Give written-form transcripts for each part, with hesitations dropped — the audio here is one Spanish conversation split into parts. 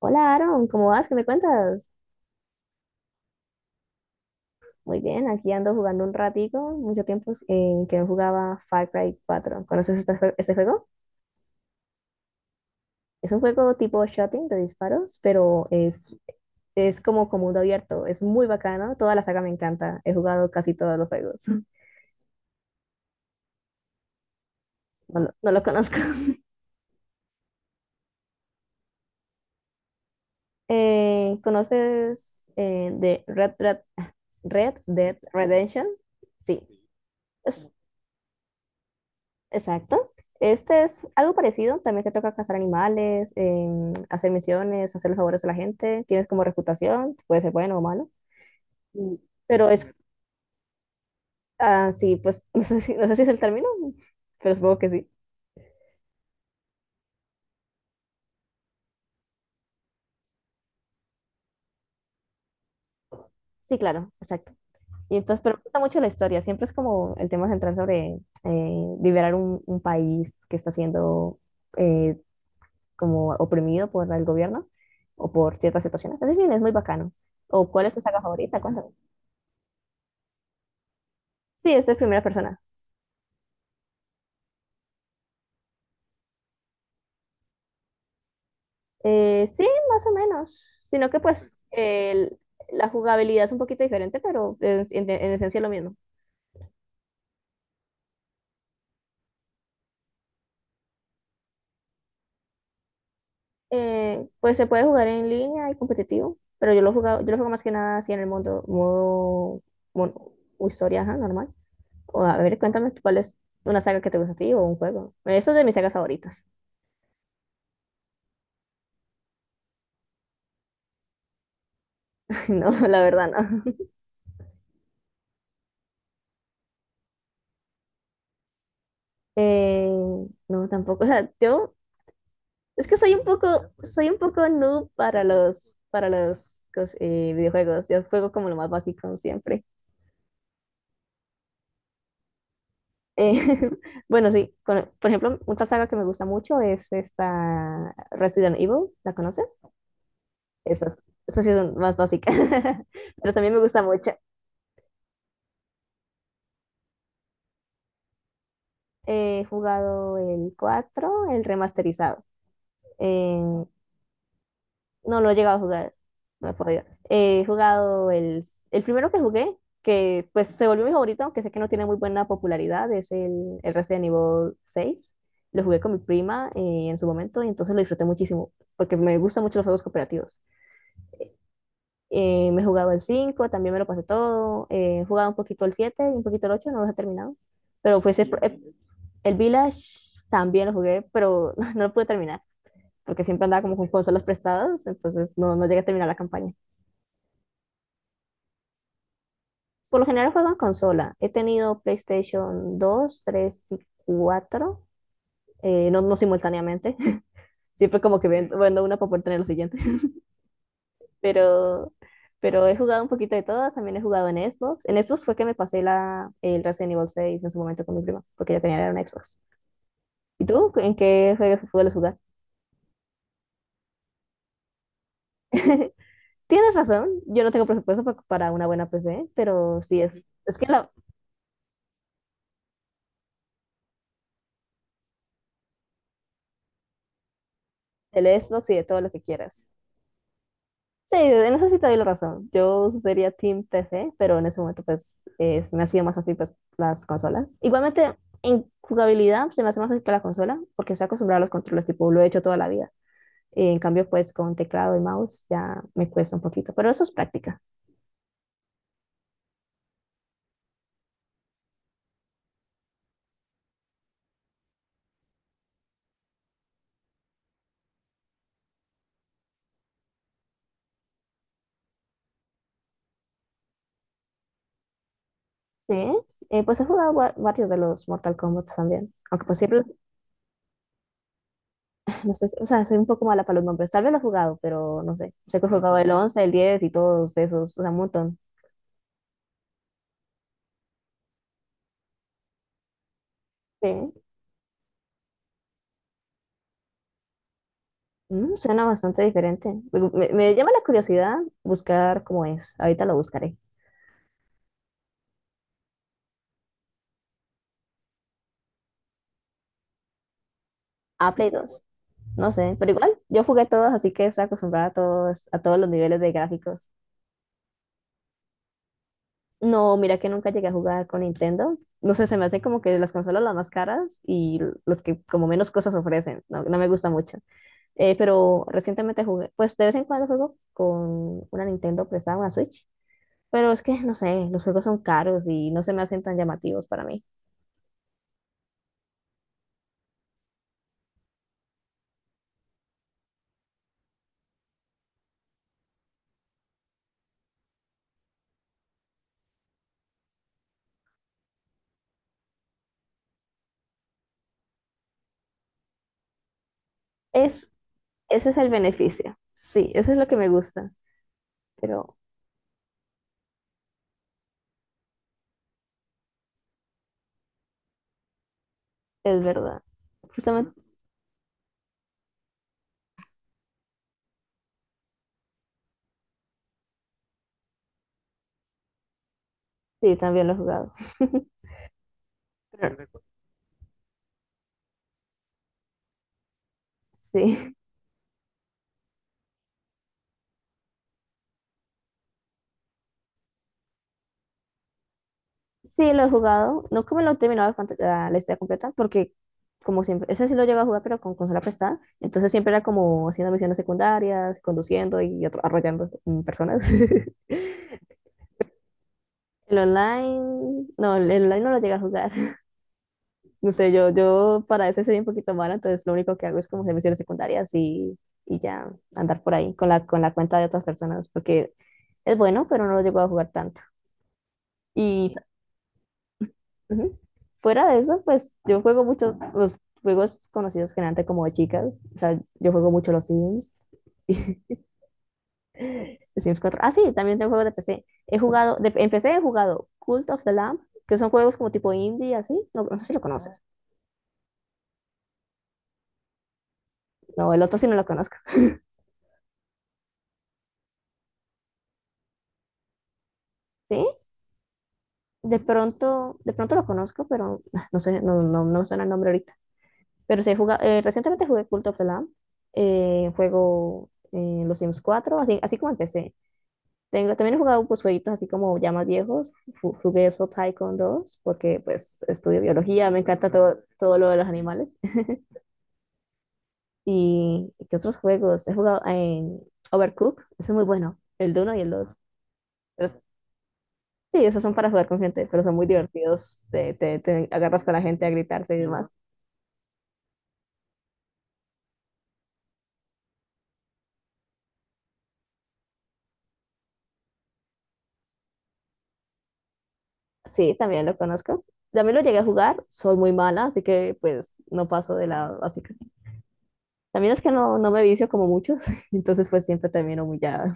Hola Aaron, ¿cómo vas? ¿Qué me cuentas? Muy bien, aquí ando jugando un ratico, mucho tiempo en que no jugaba Far Cry 4. ¿Conoces este juego? Es un juego tipo shooting de disparos, pero es como mundo abierto, es muy bacano, toda la saga me encanta, he jugado casi todos los juegos. No, lo no lo conozco. ¿Conoces de Red Dead Redemption? Sí, es, exacto. Este es algo parecido. También te toca cazar animales, hacer misiones, hacer los favores a la gente. Tienes como reputación, puede ser bueno o malo. Mm. Pero es, sí, pues no sé si es el término, pero supongo que sí. Sí, claro, exacto. Y entonces, pero me gusta mucho la historia. Siempre es como el tema central sobre liberar un país que está siendo eh, como oprimido por el gobierno o por ciertas situaciones. Entonces, bien, es muy bacano. ¿O cuál es tu saga favorita? Cuéntame. Sí, esta es primera persona. Sí, más o menos, sino que pues la jugabilidad es un poquito diferente, pero en esencia es lo mismo. Pues se puede jugar en línea y competitivo, pero yo lo juego más que nada así en el mundo, modo o historia, ajá, normal. O, a ver, cuéntame cuál es una saga que te gusta a ti o un juego. Esa es de mis sagas favoritas. No, la verdad no. Eh, no, tampoco. O sea, yo es que soy un poco noob para para los videojuegos. Yo juego como lo más básico siempre. Eh, bueno, sí, por ejemplo, una saga que me gusta mucho es esta Resident Evil, ¿la conoces? Esas sí son más básicas, pero también me gusta mucho. He jugado el 4 el remasterizado. No lo he llegado a jugar, no he podido. He jugado el primero que jugué, que pues se volvió mi favorito, aunque sé que no tiene muy buena popularidad, es el Resident Evil seis. Lo jugué con mi prima en su momento y entonces lo disfruté muchísimo, porque me gustan mucho los juegos cooperativos. Me he jugado el cinco, también me lo pasé todo. He jugado un poquito el 7 y un poquito el ocho, no los he terminado. Pero pues el Village también lo jugué, pero no lo pude terminar, porque siempre andaba como con consolas prestadas, entonces no, no llegué a terminar la campaña. Por lo general juego en consola. He tenido PlayStation 2, 3 y 4, no, no simultáneamente. Siempre como que vendo una para poder tener la siguiente. Pero, pero he jugado un poquito de todas. También he jugado en Xbox. En Xbox fue que me pasé el Resident Evil 6 en su momento con mi prima, porque ella tenía una Xbox. ¿Y tú? ¿En qué juegos sueles jugar? Tienes razón. Yo no tengo presupuesto para una buena PC, pero sí es. Es que el Xbox y de todo lo que quieras. Sí, en eso sí te doy la razón. Yo sería Team PC, pero en ese momento pues se me hacía más fácil pues las consolas. Igualmente en jugabilidad se me hace más fácil que la consola porque estoy acostumbrada a los controles, tipo lo he hecho toda la vida. En cambio pues con teclado y mouse ya me cuesta un poquito, pero eso es práctica. Sí, pues he jugado varios de los Mortal Kombat también. Aunque pues siempre, no sé, o sea, soy un poco mala para los nombres. Tal vez lo he jugado, pero no sé. Sé que he jugado el 11, el 10 y todos esos, o sea, un montón. Sí. Suena bastante diferente. Digo, me llama la curiosidad buscar cómo es. Ahorita lo buscaré. Play dos. No sé, pero igual, yo jugué todos, así que estoy acostumbrada a todos los niveles de gráficos. No, mira que nunca llegué a jugar con Nintendo. No sé, se me hacen como que las consolas las más caras y los que como menos cosas ofrecen. No, no me gusta mucho. Pero recientemente jugué, pues de vez en cuando juego con una Nintendo prestada, una Switch. Pero es que, no sé, los juegos son caros y no se me hacen tan llamativos para mí. Es, ese es el beneficio. Sí, eso es lo que me gusta. Pero es verdad. Justamente, sí, también lo he jugado. Pero, sí. Sí, lo he jugado. No como lo he terminado la historia completa, porque como siempre, ese sí lo llego a jugar, pero con consola prestada. Entonces siempre era como haciendo misiones secundarias, conduciendo y arrollando personas. El online no lo llegué a jugar. No sé, yo para ese soy un poquito mala, entonces lo único que hago es como hacer misiones secundarias y ya andar por ahí con con la cuenta de otras personas, porque es bueno, pero no lo llego a jugar tanto. Y Ujú. Fuera de eso, pues yo juego mucho los juegos conocidos generalmente como de chicas. O sea, yo juego mucho los Sims y Sims cuatro. Sí, también tengo juegos de PC. He jugado, en PC he jugado Cult of the Lamb, que son juegos como tipo indie, así. No, no sé si lo conoces. No, el otro sí no lo conozco. ¿Sí? De pronto lo conozco, pero no sé, no, no, no me suena el nombre ahorita. Pero sí, he jugado, recientemente jugué Cult of the Lamb. Juego los Sims cuatro así, así como en tengo, también he jugado pues jueguitos así como ya más viejos. Jugué Soul Tycoon dos porque pues estudio biología, me encanta todo, todo lo de los animales. ¿Y qué otros juegos? He jugado en Overcooked, ese es muy bueno, el uno y el dos. Pero- sí, esos son para jugar con gente, pero son muy divertidos. Te agarras con la gente a gritarte y demás. Sí, también lo conozco. También lo llegué a jugar, soy muy mala, así que pues no paso de la básica. También es que no, no me vicio como muchos, entonces pues siempre termino muy ya.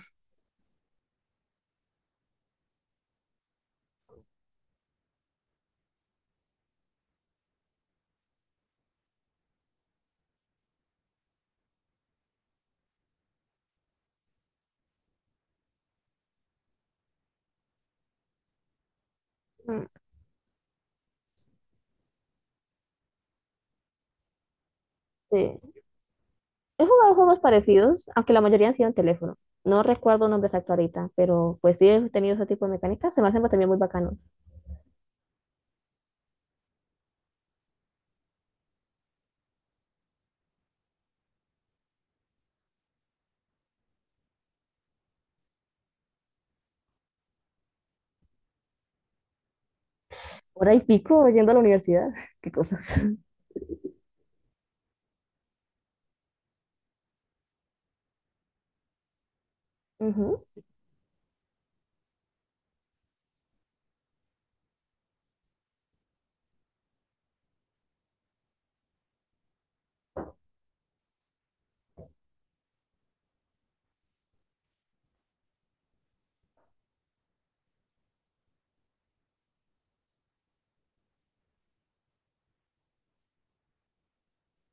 Sí. He jugado juegos parecidos, aunque la mayoría han sido en teléfono. No recuerdo nombres exactos ahorita, pero pues sí he tenido ese tipo de mecánicas. Se me hacen también muy bacanos. Hora y pico yendo a la universidad. Qué cosas. Ujú.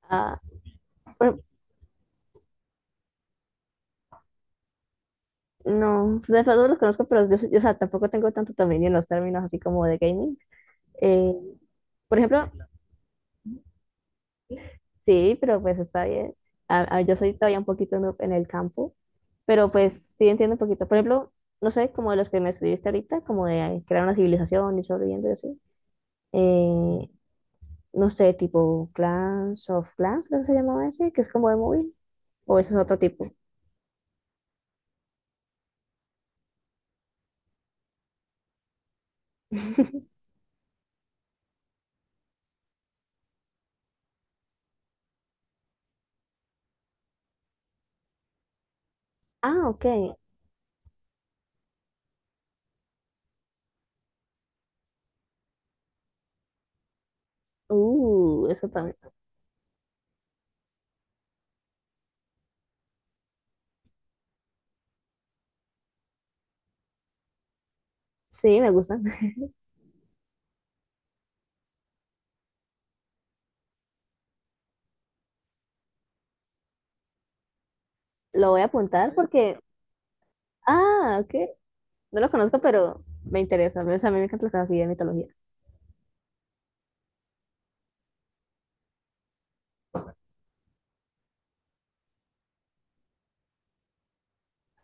Ah, pero no, pues de todos los conozco, pero yo, o sea, tampoco tengo tanto dominio en los términos así como de gaming. Eh, por ejemplo, sí, pero pues está bien. Yo soy todavía un poquito noob en el campo, pero pues sí entiendo un poquito. Por ejemplo, no sé, como de los que me estuviste ahorita, como de crear una civilización y sobreviviendo y así. eh, no sé, tipo Clash of Clans, creo que se llamaba ese, que es como de móvil, o ese es otro tipo. Ok. Eso también. Sí, me gusta. Lo voy a apuntar porque, ok. No lo conozco, pero me interesa. O sea, a mí me encantan las cosas así de mitología.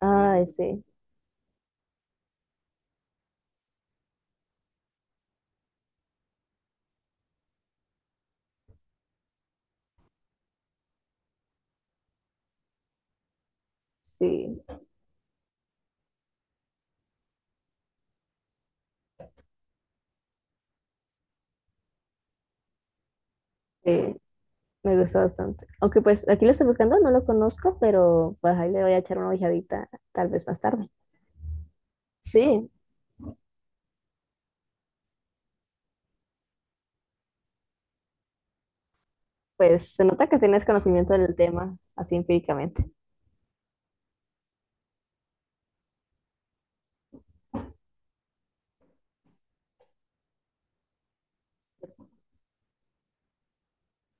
Ay, sí, sí, sí, me gusta bastante. Aunque pues aquí lo estoy buscando, no lo conozco, pero pues ahí le voy a echar una ojeadita tal vez más tarde. Sí, pues se nota que tienes conocimiento del tema, así empíricamente.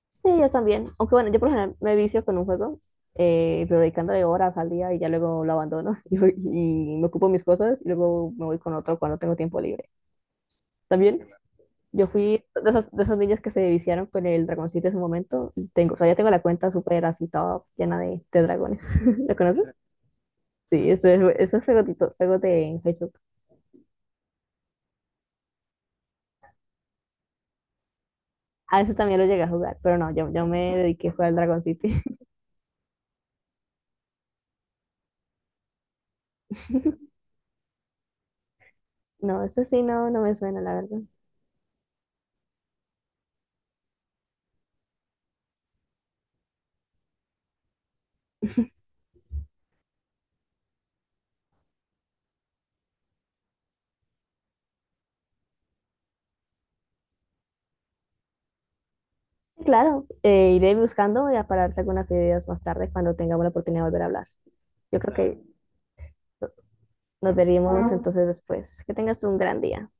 Sí, yo también. Aunque bueno, yo por ejemplo me vicio con un juego, pero dedicándole horas al día y ya luego lo abandono y me ocupo mis cosas y luego me voy con otro cuando tengo tiempo libre. También yo fui de esas, niñas que se viciaron con el dragoncito en su momento. Y tengo, o sea, ya tengo la cuenta súper así toda llena de dragones. ¿Lo conoces? Sí, ese es juego de Facebook. A veces también lo llegué a jugar, pero no, yo me dediqué fue al Dragon City. No, ese sí no, no me suena, la verdad. Sí, claro, iré buscando y para darte algunas ideas más tarde cuando tengamos la oportunidad de volver a hablar. Yo creo que nos veríamos entonces después. Que tengas un gran día.